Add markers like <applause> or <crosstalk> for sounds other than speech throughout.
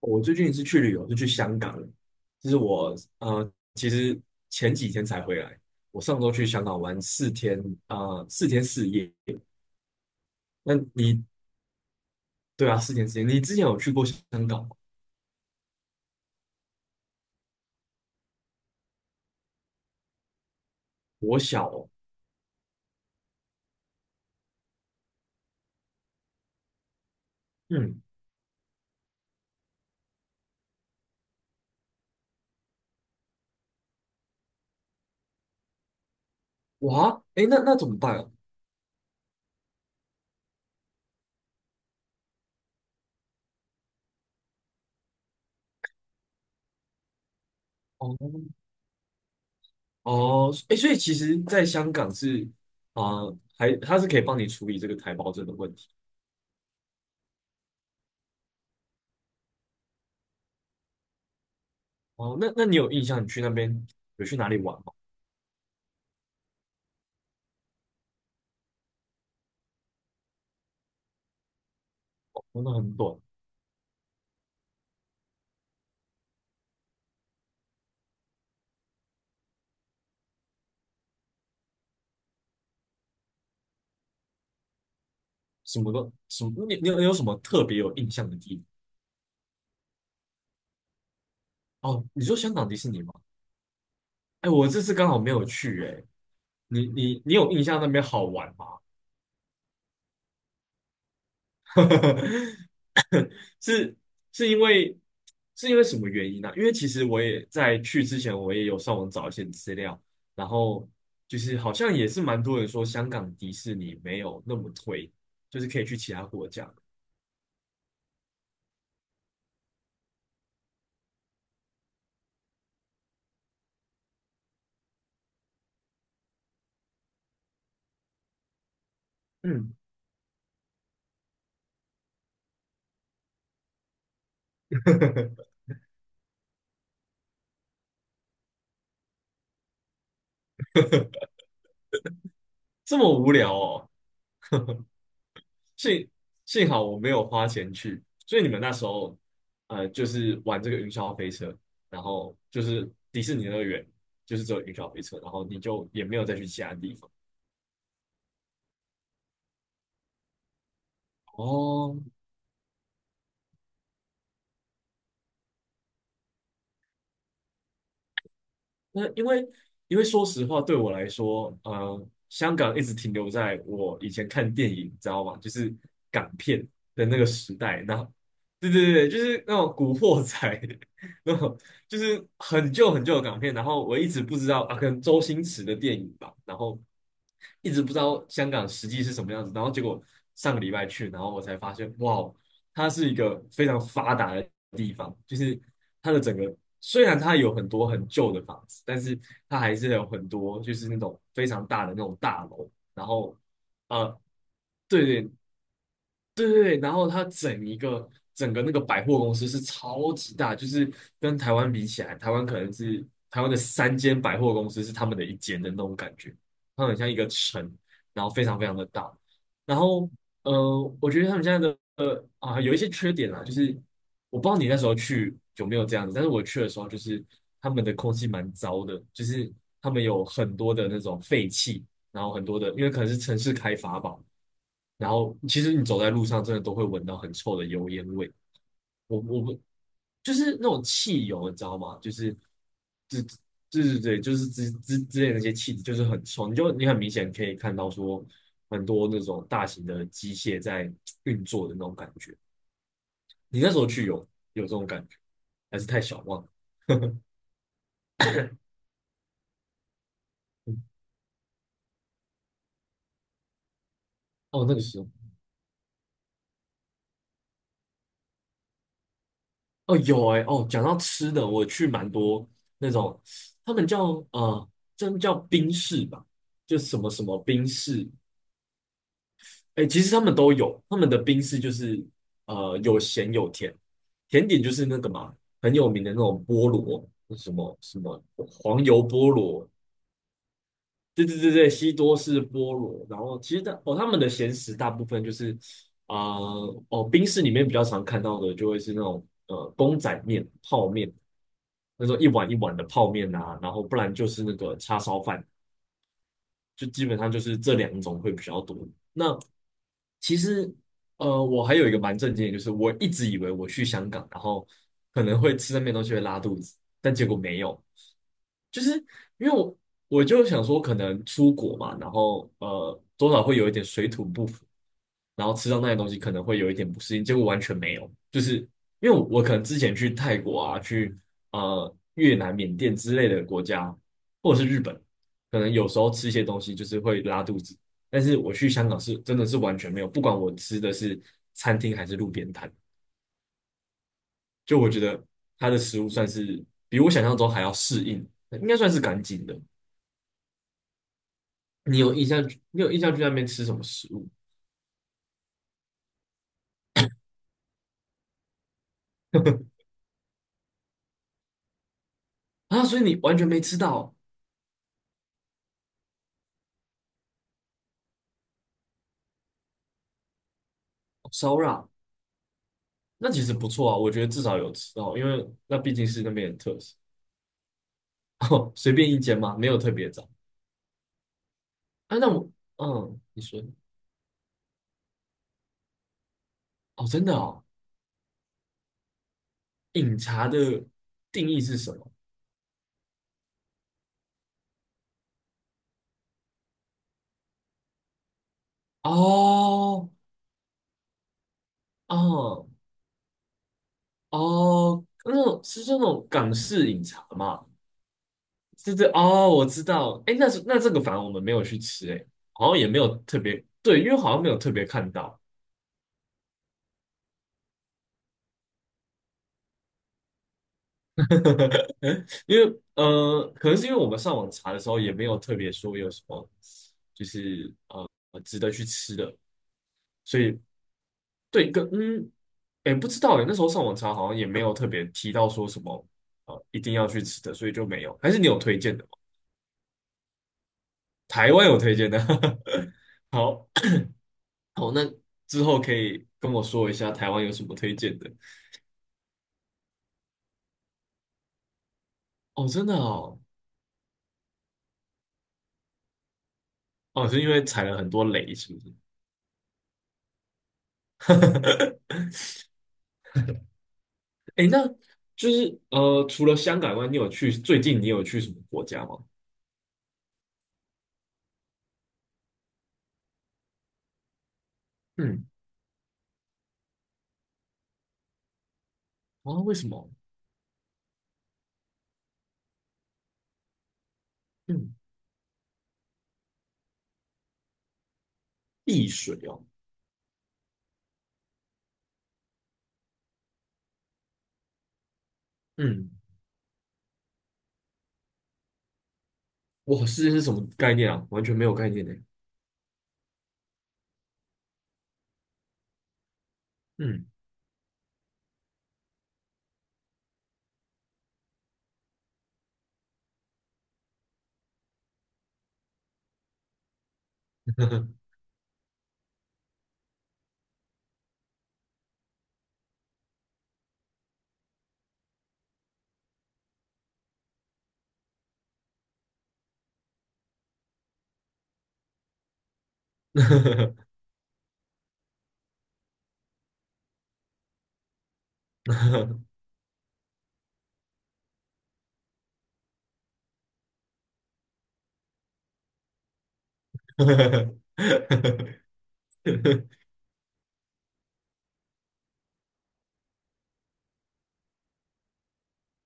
我最近一次去旅游是去香港，就是我其实前几天才回来。我上周去香港玩四天，四天四夜。那你对啊，四天四夜。你之前有去过香港吗？我小哦，嗯，哇，哎，那怎么办啊？哦哦，哎，所以其实在香港啊、还他是可以帮你处理这个台胞证的问题。哦，那你有印象你去那边有去哪里玩吗？真的很短，什么都什么，你有什么特别有印象的地方？哦，你说香港迪士尼吗？哎，我这次刚好没有去哎。你有印象那边好玩吗？<laughs> 是是因为是因为什么原因呢、因为其实我也在去之前，我也有上网找一些资料，然后就是好像也是蛮多人说香港迪士尼没有那么推，就是可以去其他国家。嗯，<laughs> 这么无聊哦。幸幸好我没有花钱去，所以你们那时候就是玩这个云霄飞车，然后就是迪士尼乐园就是只有云霄飞车，然后你就也没有再去其他地方。哦，那因为说实话，对我来说，香港一直停留在我以前看电影，你知道吗？就是港片的那个时代，对对对，就是那种古惑仔，<laughs> <laughs> 就是很旧很旧的港片，然后我一直不知道啊，可能周星驰的电影吧，然后一直不知道香港实际是什么样子，然后结果上个礼拜去，然后我才发现，哇哦，它是一个非常发达的地方，就是它的整个虽然它有很多很旧的房子，但是它还是有很多就是那种非常大的那种大楼，然后呃，对对，对对对然后它整个那个百货公司是超级大，就是跟台湾比起来，台湾可能是台湾的3间百货公司是他们的一间的那种感觉，它很像一个城，然后非常非常的大。然后我觉得他们现在的有一些缺点啦，就是我不知道你那时候去有没有这样子，但是我去的时候就是他们的空气蛮糟的，就是他们有很多的那种废气。然后很多的，因为可能是城市开发吧，然后其实你走在路上，真的都会闻到很臭的油烟味。我不就是那种汽油，你知道吗？就是这对对对，就是之类的那些气体，就是很臭。你很明显可以看到说，很多那种大型的机械在运作的那种感觉。你那时候去有这种感觉，还是太小忘了？哦，那个时候。哦，有哎、哦，讲到吃的，我去蛮多那种，他们呃，真叫冰室吧，就什么什么冰室，哎、其实他们都有，他们的冰室就是有咸有甜，甜点就是那个嘛，很有名的那种菠萝，什么什么黄油菠萝，对对对对，西多士菠萝，然后其实的哦，他们的咸食大部分就是冰室里面比较常看到的就会是那种公仔面、泡面。那时候一碗一碗的泡面啊，然后不然就是那个叉烧饭，就基本上就是这2种会比较多。那其实，我还有一个蛮震惊的，就是我一直以为我去香港，然后可能会吃那边东西会拉肚子，但结果没有，就是因为我就想说，可能出国嘛，然后多少会有一点水土不服，然后吃到那些东西可能会有一点不适应，结果完全没有，就是因为我可能之前去泰国啊，去越南、缅甸之类的国家，或者是日本，可能有时候吃一些东西就是会拉肚子，但是我去香港是真的是完全没有，不管我吃的是餐厅还是路边摊，就我觉得它的食物算是比我想象中还要适应，应该算是干净的。你有印象？你有印象去那边吃什么食物 <laughs> 啊？所以你完全没吃到哦烧肉啊。那其实不错啊，我觉得至少有吃到，因为那毕竟是那边的特色。<laughs> 哦，随便一间嘛，没有特别找。啊，那我，嗯，你说，哦，真的哦，饮茶的定义是什么？哦，哦，哦，那种是那种港式饮茶嘛？哦，我知道。哎，那是那这个反而我们没有去吃，哎，好像也没有特别，对，因为好像没有特别看到。<laughs> 因为可能是因为我们上网查的时候也没有特别说有什么，就是值得去吃的，所以对，跟嗯，哎，不知道哎，那时候上网查好像也没有特别提到说什么一定要去吃的，所以就没有。还是你有推荐的吗？台湾有推荐的？<laughs> 好，好，那之后可以跟我说一下台湾有什么推荐的哦，真的哦，哦，是因为踩了很多雷，是不是？<laughs> 哎，那就是除了香港外，你有去最近你有去什么国家吗？嗯，啊，为什么？嗯，避水哦。嗯，哇，世界是什么概念啊？完全没有概念呢。嗯，<laughs>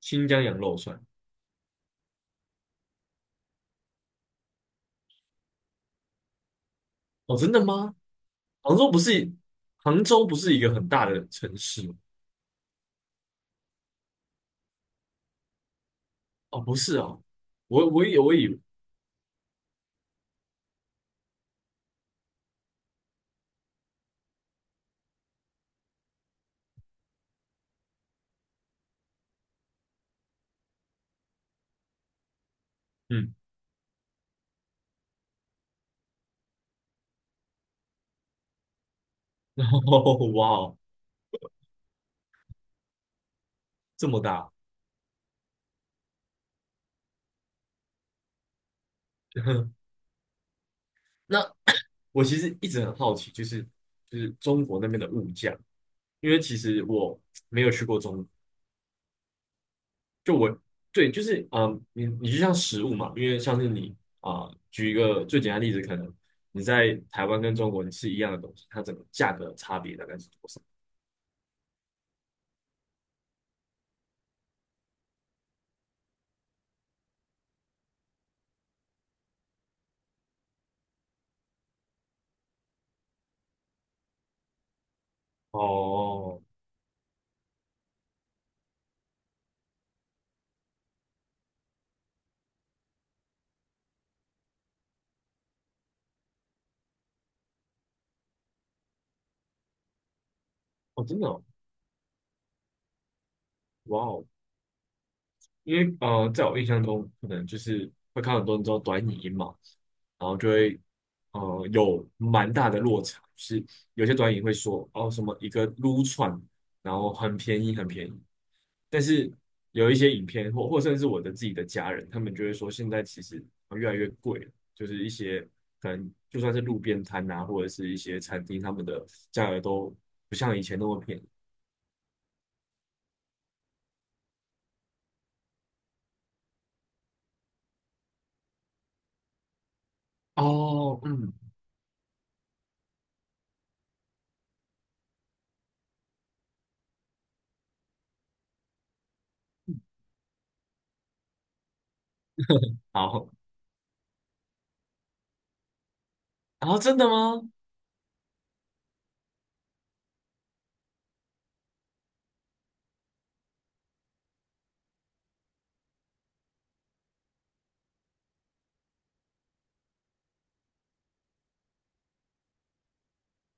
新疆羊肉串哦，真的吗？杭州不是杭州不是一个很大的城市吗？哦，不是哦，我以为嗯，<laughs> 哇哦，这么大。<laughs> 那我其实一直很好奇，就是中国那边的物价，因为其实我没有去过中国。对，就是你就像食物嘛，因为像是你举一个最简单的例子，可能你在台湾跟中国你吃一样的东西，它整个价格差别大概是多少？哦，哦，真的哦，哇哦，因为在我印象中，可能就是会看很多人做短影音嘛，然后就会有蛮大的落差，就是有些短影会说哦什么一个撸串，然后很便宜很便宜，但是有一些影片或甚至我的自己的家人，他们就会说现在其实越来越贵了，就是一些可能就算是路边摊呐，或者是一些餐厅，他们的价格都不像以前那么便宜。哦，嗯，好，然后真的吗？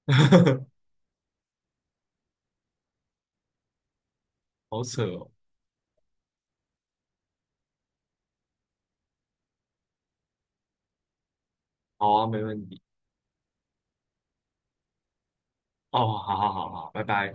<laughs> 好扯哦。好啊，没问题。哦，好好好好，拜拜。